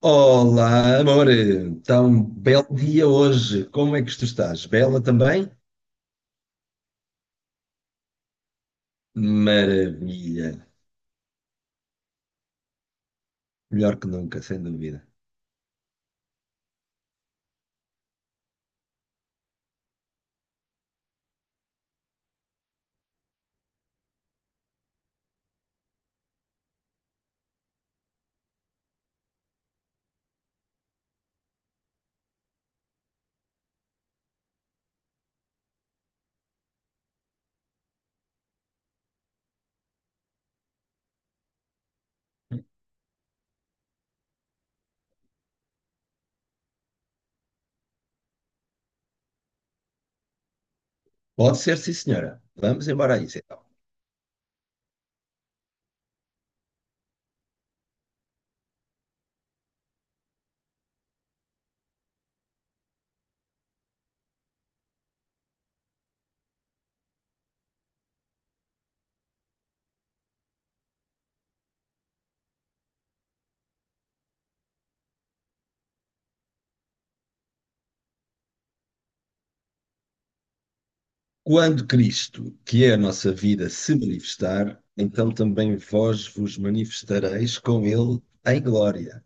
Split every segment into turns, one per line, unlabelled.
Olá, amor! Então, belo dia hoje. Como é que tu estás? Bela também? Maravilha! Melhor que nunca, sem dúvida. Pode ser, sim, senhora. Vamos embora a isso, então. Quando Cristo, que é a nossa vida, se manifestar, então também vós vos manifestareis com ele em glória.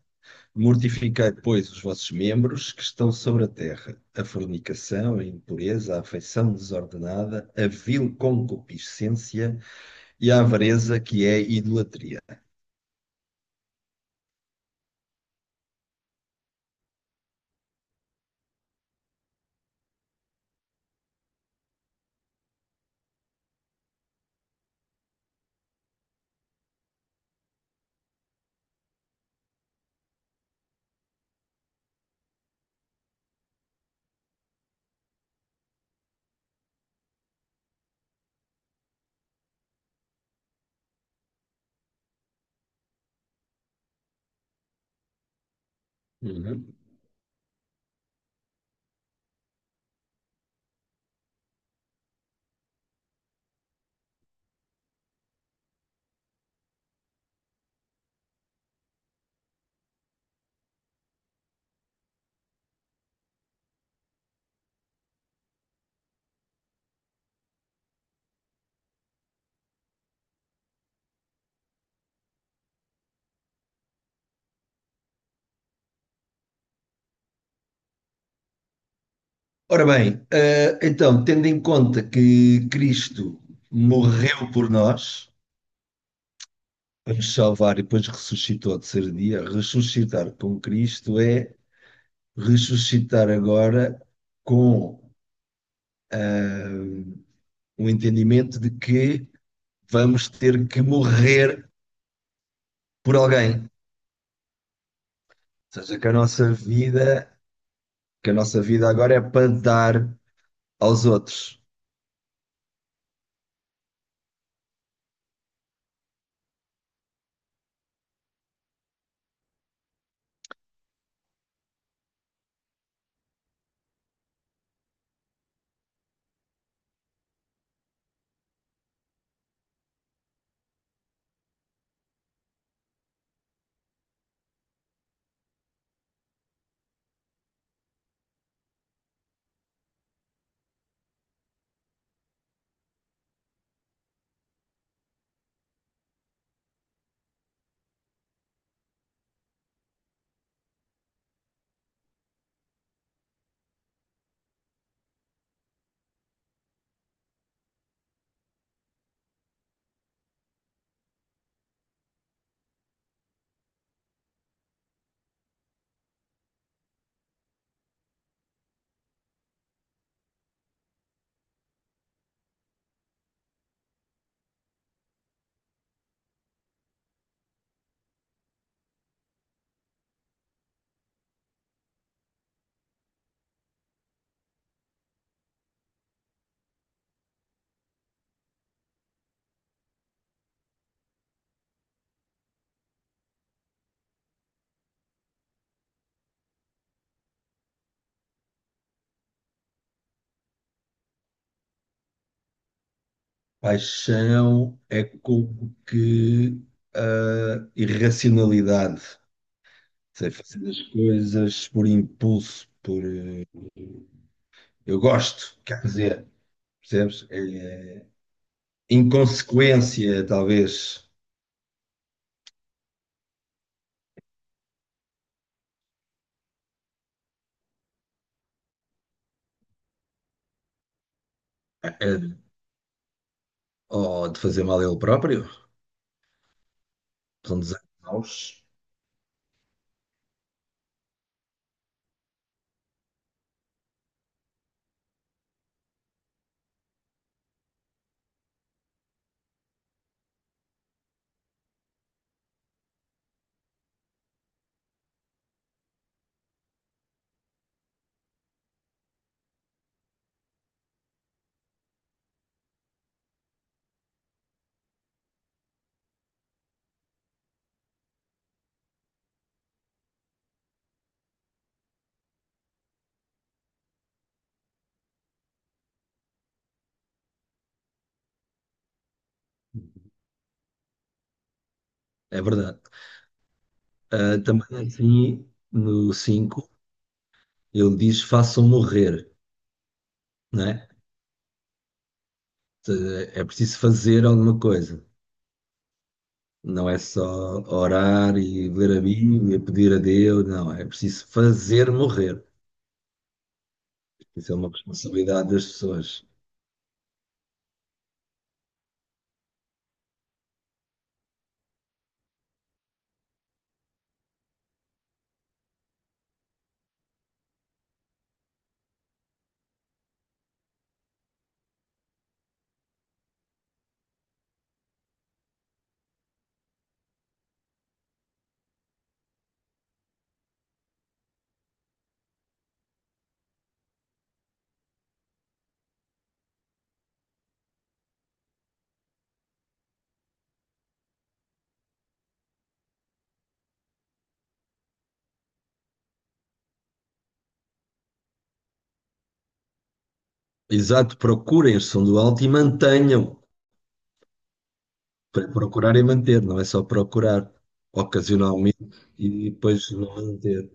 Mortificai, pois, os vossos membros que estão sobre a terra: a fornicação, a impureza, a afeição desordenada, a vil concupiscência e a avareza, que é idolatria. Uhum. Ora bem, então, tendo em conta que Cristo morreu por nós, para nos salvar e depois ressuscitou ao terceiro dia, ressuscitar com Cristo é ressuscitar agora com eh, o entendimento de que vamos ter que morrer por alguém. Ou seja, que a nossa vida agora é para dar aos outros. Paixão é como que a irracionalidade, sei fazer as coisas por impulso, por eu gosto, quer dizer, percebes? É inconsequência, talvez, eh, ou de fazer mal a ele próprio, são desejos maus, é verdade. Ah, também assim, no 5, ele diz façam morrer, não é? É preciso fazer alguma coisa. Não é só orar e ler a Bíblia, pedir a Deus, não, é preciso fazer morrer. Isso é uma responsabilidade das pessoas. Exato, procurem a som do alto e mantenham, para procurar e manter, não é só procurar ocasionalmente e depois não manter.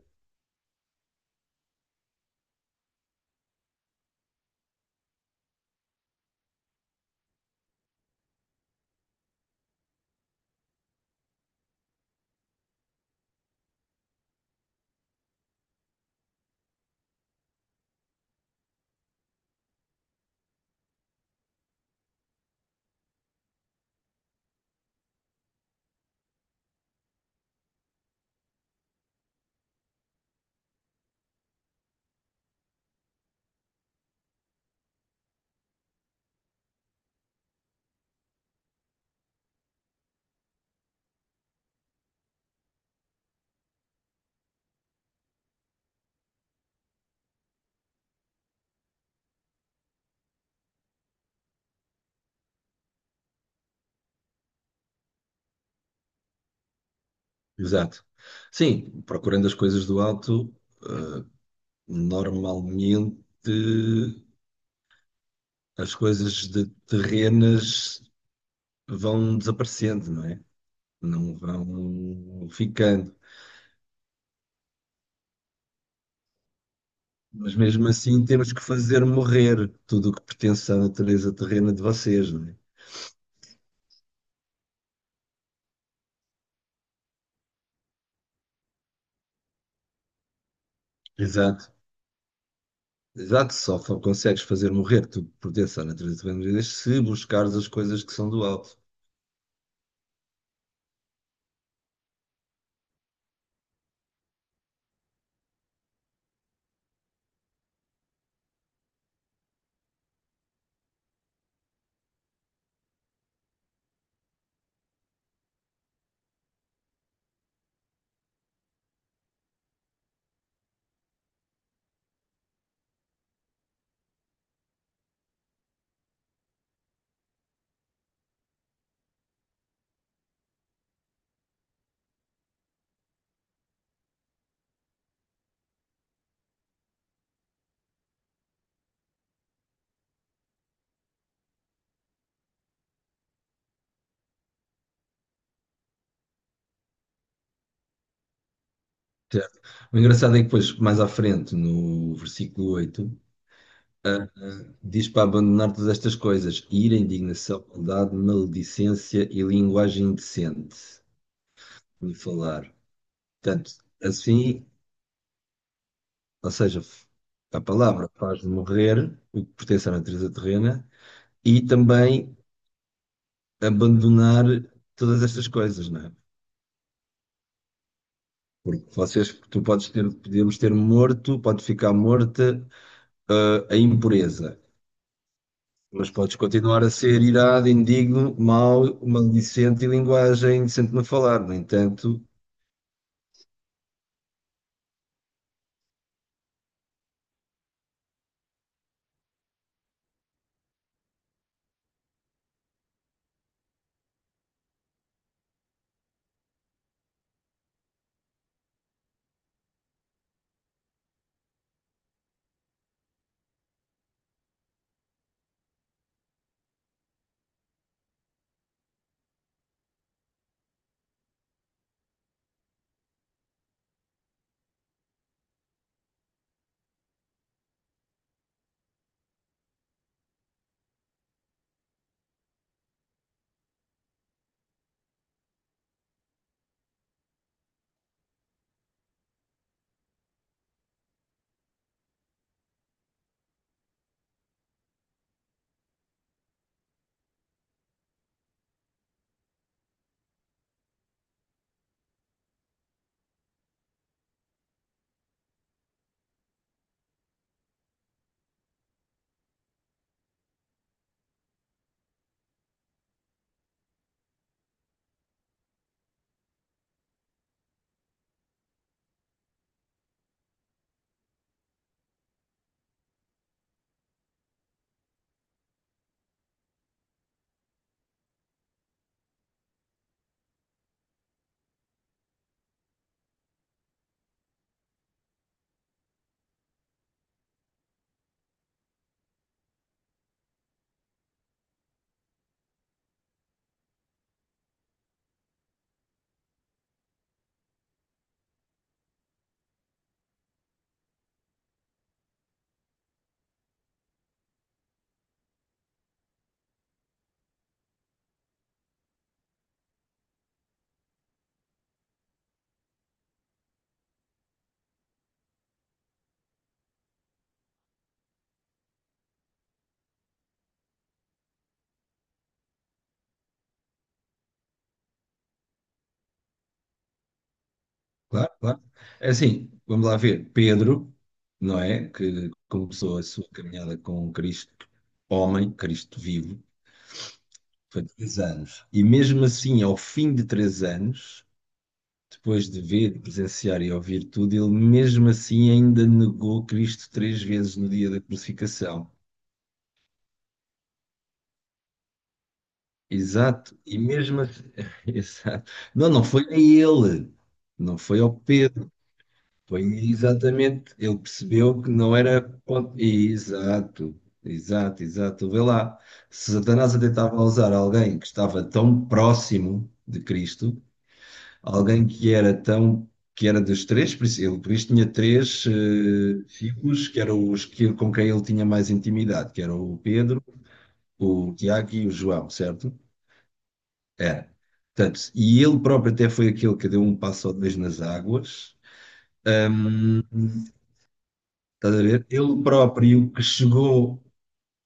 Exato. Sim, procurando as coisas do alto, eh, normalmente as coisas de terrenas vão desaparecendo, não é? Não vão ficando. Mas mesmo assim temos que fazer morrer tudo o que pertence à natureza terrena de vocês, não é? Exato. Exato, só consegues fazer morrer tudo que pertence à natureza terrena de vocês se buscares as coisas que são do alto. Certo. O engraçado é que depois, mais à frente, no versículo 8 diz para abandonar todas estas coisas, ira, indignação, maldade, maledicência e linguagem indecente de falar. Portanto, assim, ou seja, a palavra faz morrer o que pertence à natureza terrena e também abandonar todas estas coisas, não é? Porque vocês, tu podes ter, podemos ter morto, pode ficar morta, a impureza, mas podes continuar a ser irado, indigno, mau, maledicente e linguagem indecente no falar. No entanto, claro, claro. É assim, vamos lá ver. Pedro, não é? Que começou a sua caminhada com Cristo, homem, Cristo vivo, foi 3 anos. E mesmo assim, ao fim de 3 anos, depois de ver, de presenciar e ouvir tudo, ele mesmo assim ainda negou Cristo três vezes no dia da crucificação. Exato, e mesmo assim, exato. Não, não foi a ele, não foi ao Pedro, foi exatamente, ele percebeu que não era. Exato, exato, exato. Vê lá, se Satanás até estava a usar alguém que estava tão próximo de Cristo. Alguém que era tão, que era dos três, ele por isso tinha três filhos, que eram os que, com quem ele tinha mais intimidade, que eram o Pedro, o Tiago e o João, certo? Era. Portanto, e ele próprio até foi aquele que deu um passo ou dois nas águas, estás a ver? Ele próprio que chegou,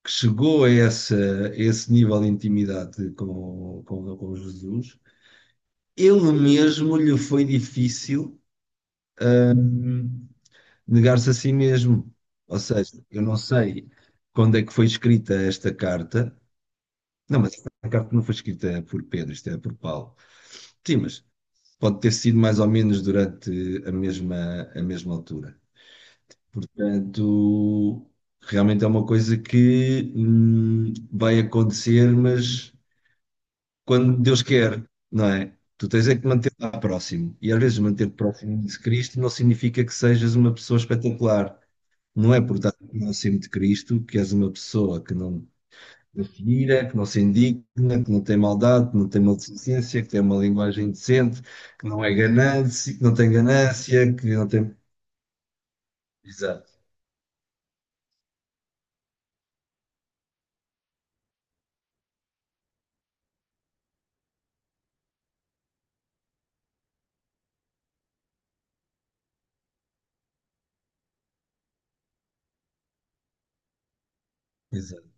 que chegou a essa, a esse nível de intimidade com Jesus, ele mesmo lhe foi difícil negar-se a si mesmo. Ou seja, eu não sei quando é que foi escrita esta carta. Não, mas esta carta não foi escrita por Pedro, isto é por Paulo. Sim, mas pode ter sido mais ou menos durante a mesma altura. Portanto, realmente é uma coisa que vai acontecer, mas quando Deus quer, não é? Tu tens é que manter lá próximo. E às vezes manter próximo de Cristo não significa que sejas uma pessoa espetacular. Não é por estar no nascimento de Cristo que és uma pessoa que não se ira, que não se indigna, que não tem maldade, que não tem maldecência, que tem uma linguagem decente, que não é ganância, que não tem ganância, que não tem. Exato, exato,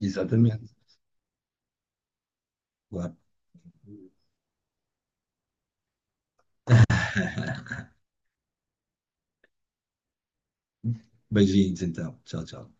exatamente. Claro. Beijinhos então. Tchau, tchau.